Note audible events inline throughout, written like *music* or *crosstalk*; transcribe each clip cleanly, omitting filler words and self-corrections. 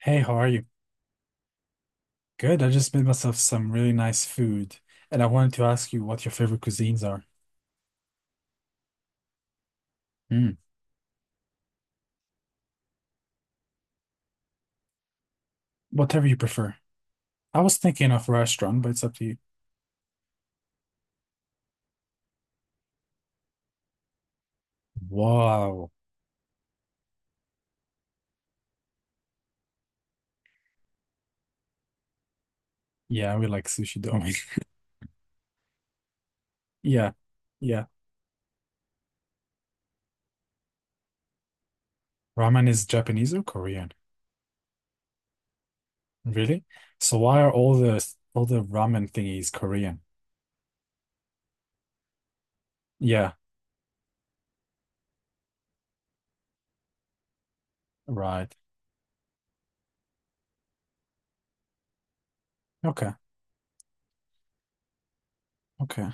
Hey, how are you? Good. I just made myself some really nice food, and I wanted to ask you what your favorite cuisines are. Mm. Whatever you prefer. I was thinking of restaurant, but it's up to you. Wow. Yeah, we like sushi, don't we? *laughs* Yeah, yeah. Ramen is Japanese or Korean? Really? So why are all the ramen thingies Korean? Yeah, right. Okay, okay.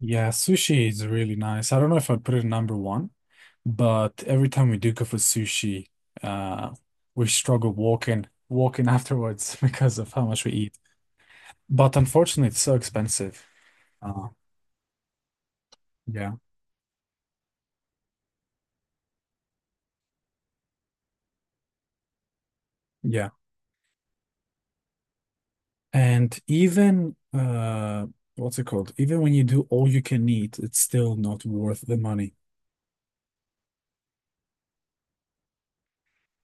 Yeah, sushi is really nice. I don't know if I'd put it in number one, but every time we do go for sushi, uh, we struggle walking afterwards *laughs* because of how much we eat. But unfortunately, it's so expensive. Uh, yeah, yeah. And even what's it called? Even when you do all you can eat, it's still not worth the money.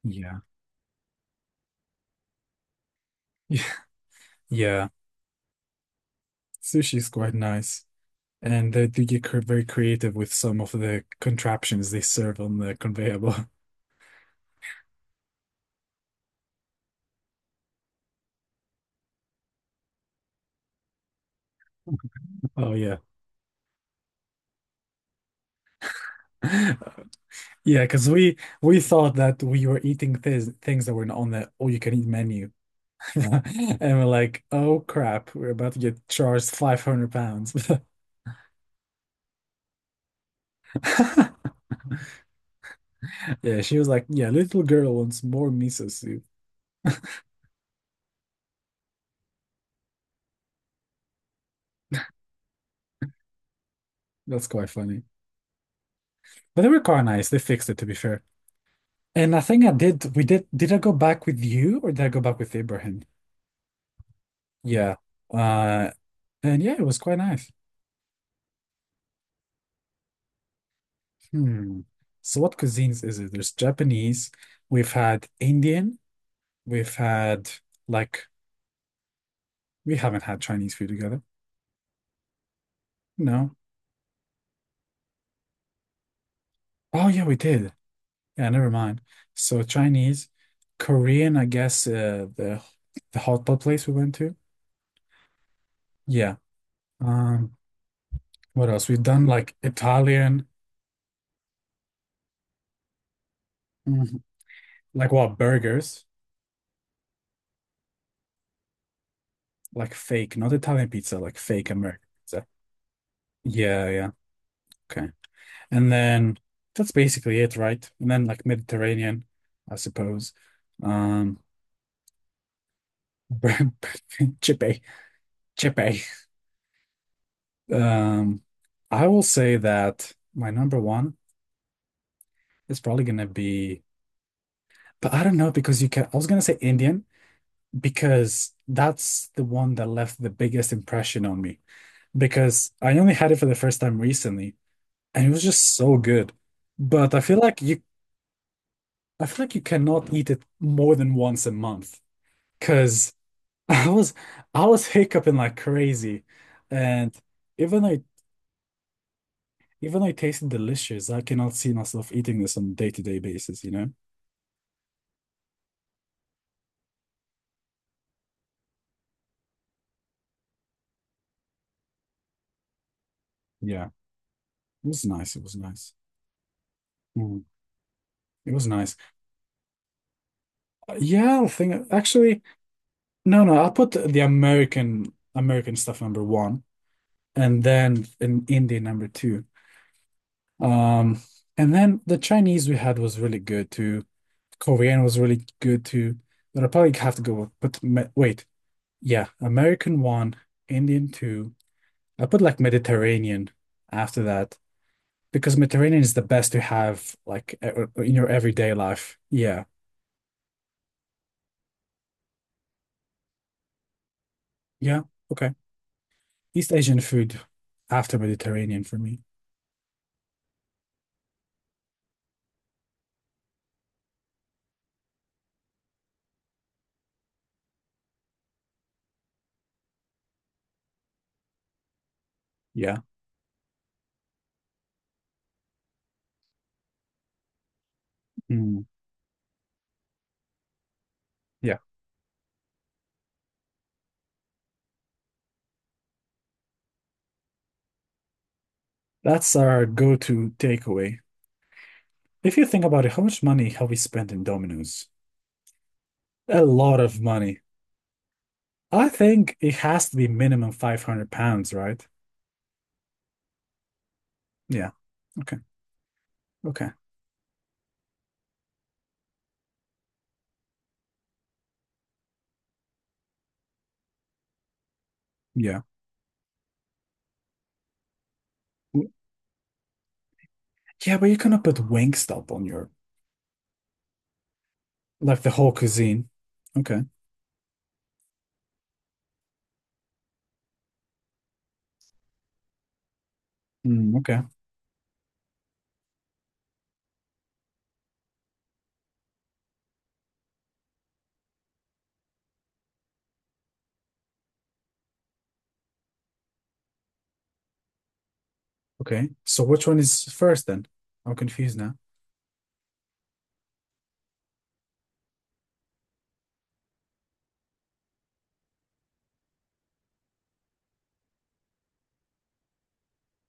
Yeah, *laughs* yeah. Sushi is quite nice. And they do get very creative with some of the contraptions they serve on the conveyor belt. *laughs* Oh yeah. *laughs* Yeah, because we thought that we were eating things that were on the all-you-can-eat menu. *laughs* And we're like, oh crap, we're about to get charged 500 pounds. *laughs* Yeah, she was like, yeah, little girl wants more miso soup. That's quite funny. But they were quite nice. They fixed it to be fair. And I think I did we did I go back with you or did I go back with Ibrahim? Yeah. Uh and yeah, it was quite nice. Hmm. So what cuisines is it? There's Japanese. We've had Indian. We've had like we haven't had Chinese food together. No. Oh yeah, we did. Yeah, never mind. So Chinese, Korean, I guess the hot pot place we went to. Yeah. Um, what else? We've done like Italian, Mhm. like what burgers, like fake, not Italian pizza, like fake American pizza. Yeah, yeah. Okay. And then that's basically it, right? And then like Mediterranean, I suppose. Um, *laughs* Chippy. Chippy. Um, I will say that my number one is probably gonna be, but I don't know because you can. I was gonna say Indian because that's the one that left the biggest impression on me because I only had it for the first time recently and it was just so good. But I feel like you cannot eat it more than once a month because *laughs* I was, I was hiccuping like crazy, and even though it, even though it tasted delicious, I cannot see myself eating this on a day-to-day basis, you know? Yeah, it was nice. It was nice. Mm, It was nice. Yeah, I think actually, no, no. I'll put the American stuff number one, and then in Indian number two. Um, and then the Chinese we had was really good too. Korean was really good too. But I probably have to go with, wait, yeah, American one, Indian two. I put like Mediterranean after that because Mediterranean is the best to have like in your everyday life. Yeah, yeah, okay. East Asian food after Mediterranean for me. Yeah. Mm, yeah. That's our go-to takeaway. If you think about it, how much money have we spent in Domino's? A lot of money. I think it has to be minimum 500 pounds, right? Yeah. Okay. Okay. Yeah. W- Yeah, but you cannot put Wingstop on your like the whole cuisine. Okay. Okay. Okay. So which one is first then? I'm confused now.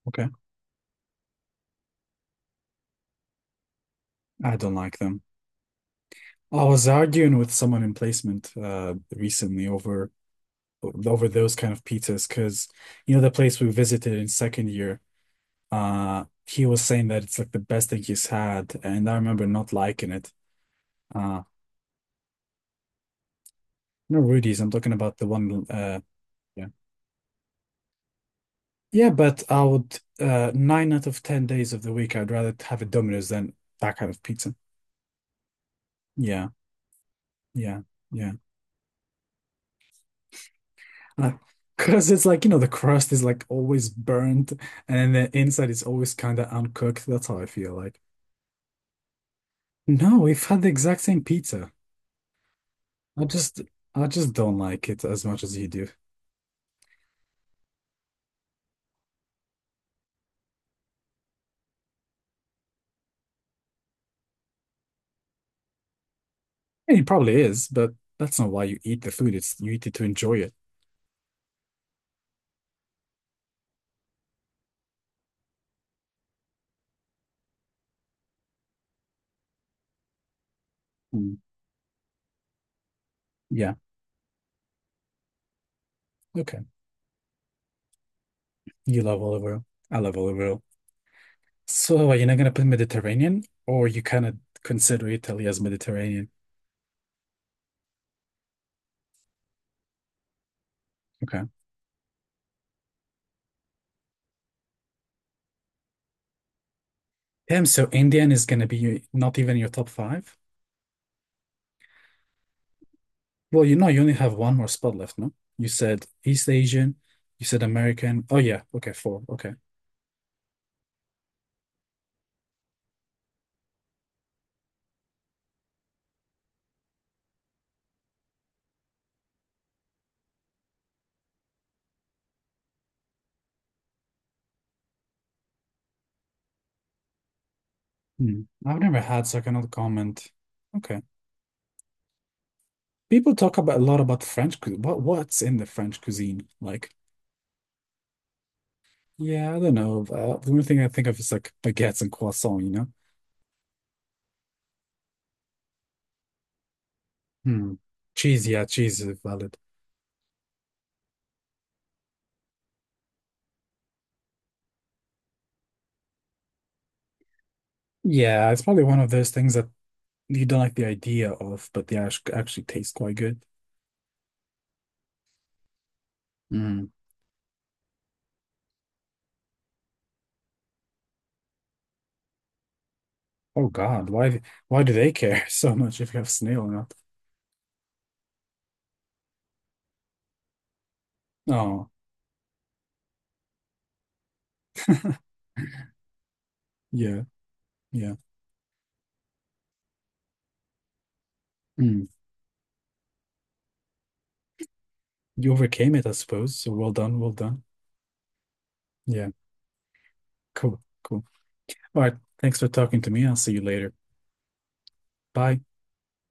Okay. I don't like them. I was arguing with someone in placement recently over those kind of pizzas because you know the place we visited in second year. He was saying that it's like the best thing he's had, and I remember not liking it. Uh, no Rudy's. I'm talking about the one. Yeah, yeah. But I would nine out of ten days of the week, I'd rather have a Domino's than that kind of pizza. Yeah, yeah, yeah. Because *laughs* it's like, the crust is like always burnt and then the inside is always kind of uncooked. That's how I feel like. No, we've had the exact same pizza. I just I just don't like it as much as you do. And it probably is, but that's not why you eat the food. It's you eat it to enjoy it. Mm. Yeah. Okay. You love olive oil. I love olive oil. So are you not gonna put Mediterranean or you kind of consider Italy as Mediterranean? Okay. Damn, so Indian is gonna be not even your top five? Well, you only have one more spot left, no? You said East Asian, you said American. Oh, yeah. Okay, four. Okay. Hmm. I've never had, so I cannot comment. Okay. People talk about a lot about French cuisine. What's in the French cuisine? Like, yeah, I don't know. The only thing I think of is like baguettes and croissant, you know? Hmm. Cheese, yeah, cheese is valid. Yeah, it's probably one of those things that you don't like the idea of, but they actually taste quite good. Hmm. Oh God, why do they care *laughs* so much if you have snail or not? Oh. Yeah, yeah. Mm. You overcame it, I suppose. So well done, well done. Yeah, cool, cool. All right. Thanks for talking to me. I'll see you later. Bye.